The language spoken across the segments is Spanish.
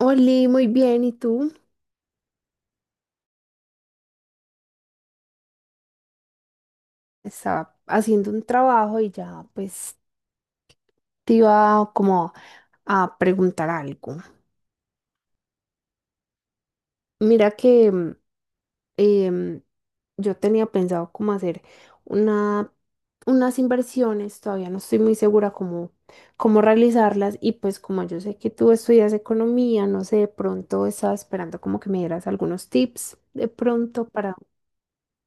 Oli, muy bien, ¿y tú? Estaba haciendo un trabajo y ya pues te iba como a preguntar algo. Mira que em, yo tenía pensado como hacer una, unas inversiones, todavía no estoy muy segura cómo, cómo realizarlas, y pues como yo sé que tú estudias economía, no sé, de pronto estaba esperando como que me dieras algunos tips de pronto para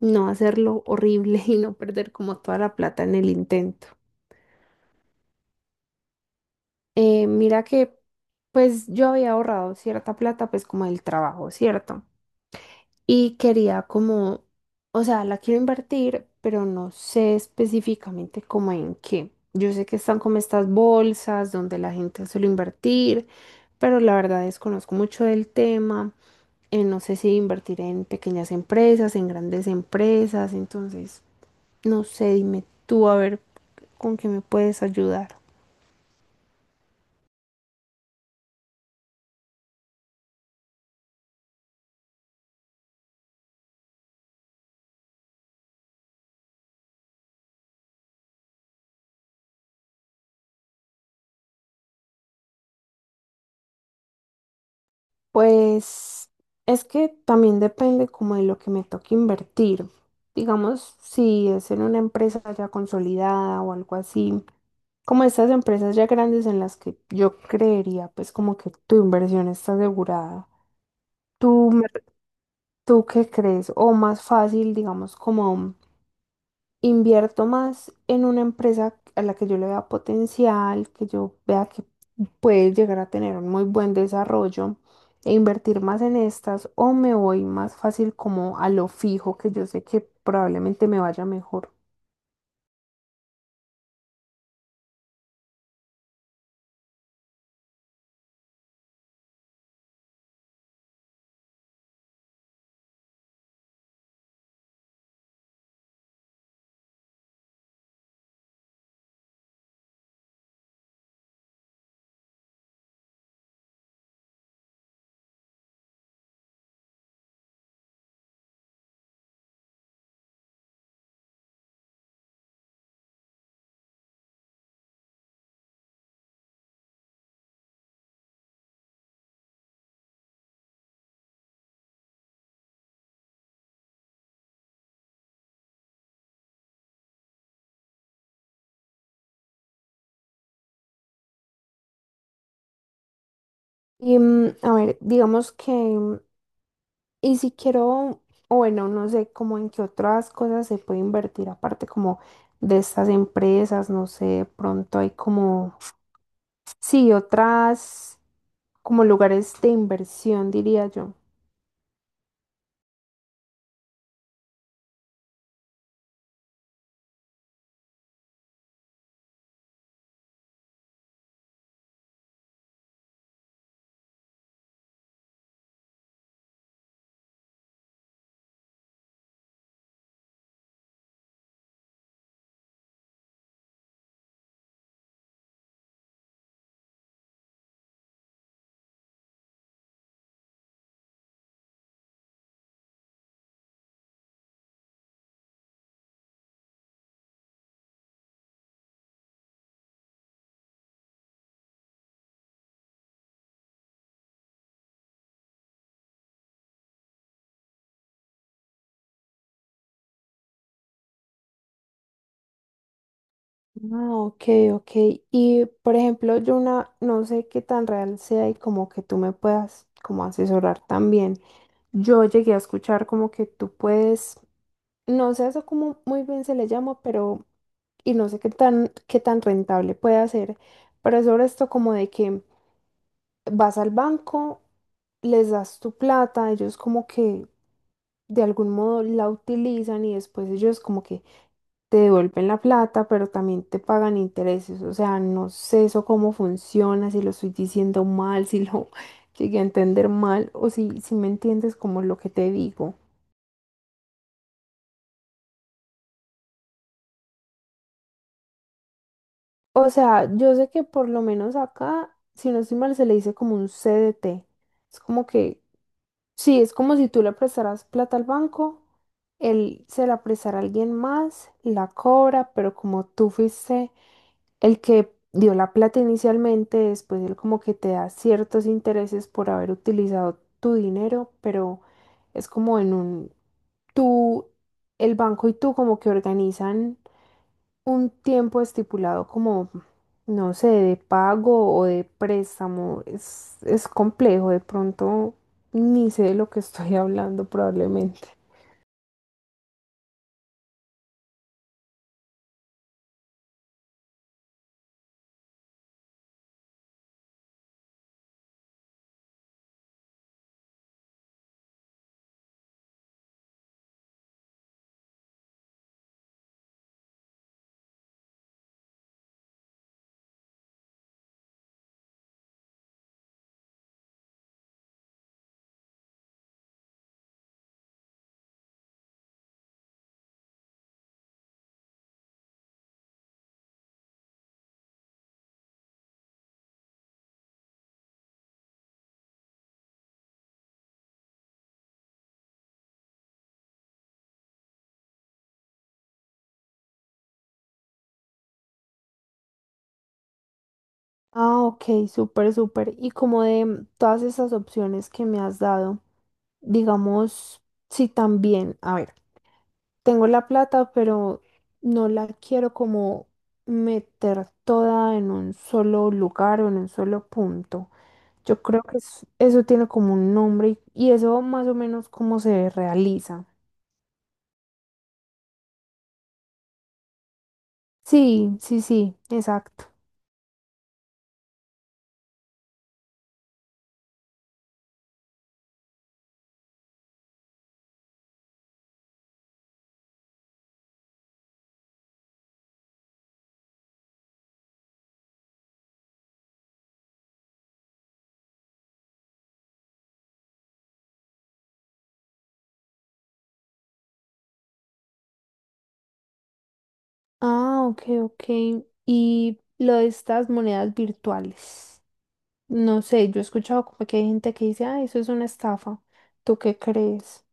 no hacerlo horrible y no perder como toda la plata en el intento. Mira que pues yo había ahorrado cierta plata pues como del trabajo, ¿cierto? Y quería como, o sea, la quiero invertir, pero no sé específicamente como en qué. Yo sé que están como estas bolsas donde la gente suele invertir, pero la verdad desconozco mucho del tema. No sé si invertir en pequeñas empresas, en grandes empresas, entonces no sé, dime tú a ver con qué me puedes ayudar. Pues es que también depende como de lo que me toque invertir. Digamos, si es en una empresa ya consolidada o algo así, como estas empresas ya grandes en las que yo creería, pues como que tu inversión está asegurada. ¿Tú, tú qué crees? O más fácil, digamos, como invierto más en una empresa a la que yo le vea potencial, que yo vea que puede llegar a tener un muy buen desarrollo e invertir más en estas, o me voy más fácil como a lo fijo que yo sé que probablemente me vaya mejor. Y a ver, digamos que, y si quiero, o bueno, no sé, como en qué otras cosas se puede invertir aparte como de estas empresas, no sé, de pronto hay como, sí, otras como lugares de inversión, diría yo. Ah, ok, ok. Y por ejemplo, yo una, no sé qué tan real sea y como que tú me puedas como asesorar también. Yo llegué a escuchar como que tú puedes, no sé eso como muy bien se le llama, pero y no sé qué tan rentable puede ser, pero es sobre esto como de que vas al banco, les das tu plata, ellos como que de algún modo la utilizan y después ellos como que te devuelven la plata, pero también te pagan intereses. O sea, no sé eso cómo funciona, si lo estoy diciendo mal, si lo llegué a entender mal o si, si me entiendes como lo que te digo. O sea, yo sé que por lo menos acá, si no estoy mal, se le dice como un CDT. Es como que, sí, es como si tú le prestaras plata al banco, él se la prestara a alguien más, la cobra, pero como tú fuiste el que dio la plata inicialmente, después él como que te da ciertos intereses por haber utilizado tu dinero, pero es como en un, tú, el banco y tú como que organizan un tiempo estipulado como, no sé, de pago o de préstamo. Es complejo, de pronto ni sé de lo que estoy hablando probablemente. Ah, ok, súper, súper. Y como de todas esas opciones que me has dado. Digamos, si también, a ver, tengo la plata, pero no la quiero como meter toda en un solo lugar o en un solo punto. Yo creo que eso tiene como un nombre, y eso más o menos cómo se realiza. Sí, sí, sí, exacto. Ah, ok, ok. Y lo de estas monedas virtuales. No sé, yo he escuchado como que hay gente que dice, ah, eso es una estafa. ¿Tú qué crees?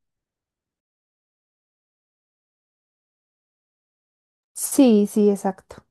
Sí, sí, exacto.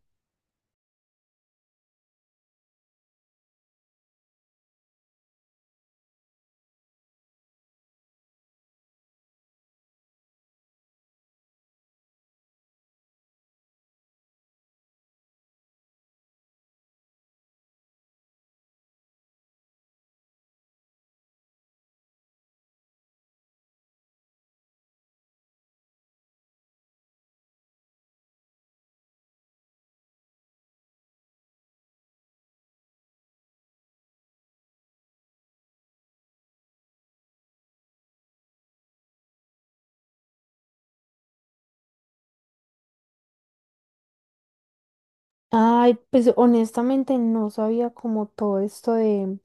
Ay, pues honestamente no sabía como todo esto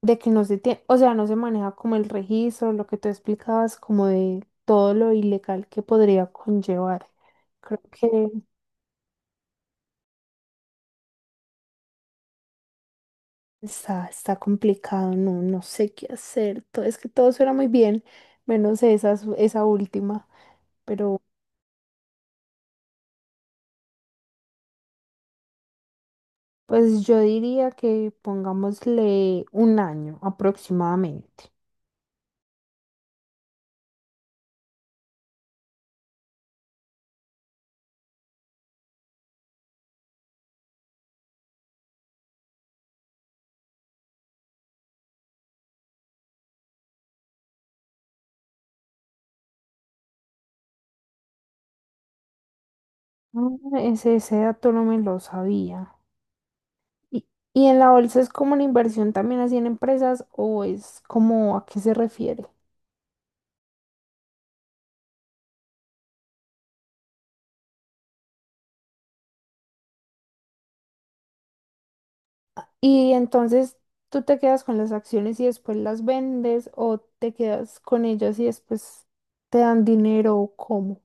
de que no se tiene, o sea, no se maneja como el registro, lo que tú explicabas, como de todo lo ilegal que podría conllevar. Creo que está, está complicado, no, no sé qué hacer. Todo es que todo suena muy bien, menos esa, esa última. Pero pues yo diría que pongámosle un año aproximadamente. Ah, ese dato no me lo sabía. ¿Y, y en la bolsa es como una inversión también así en empresas o es como a qué se refiere? Y entonces tú te quedas con las acciones y después las vendes, o te quedas con ellas y después te dan dinero, o cómo.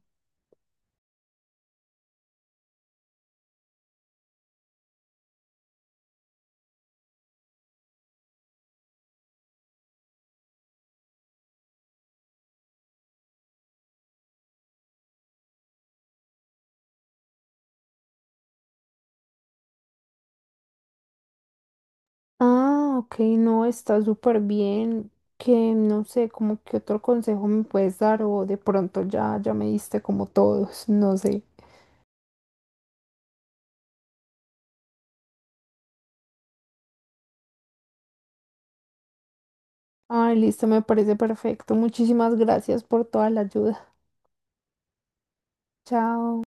Ah, ok, no, está súper bien. Que no sé, como que otro consejo me puedes dar o de pronto ya, ya me diste como todos, no sé. Ay, listo, me parece perfecto. Muchísimas gracias por toda la ayuda. Chao.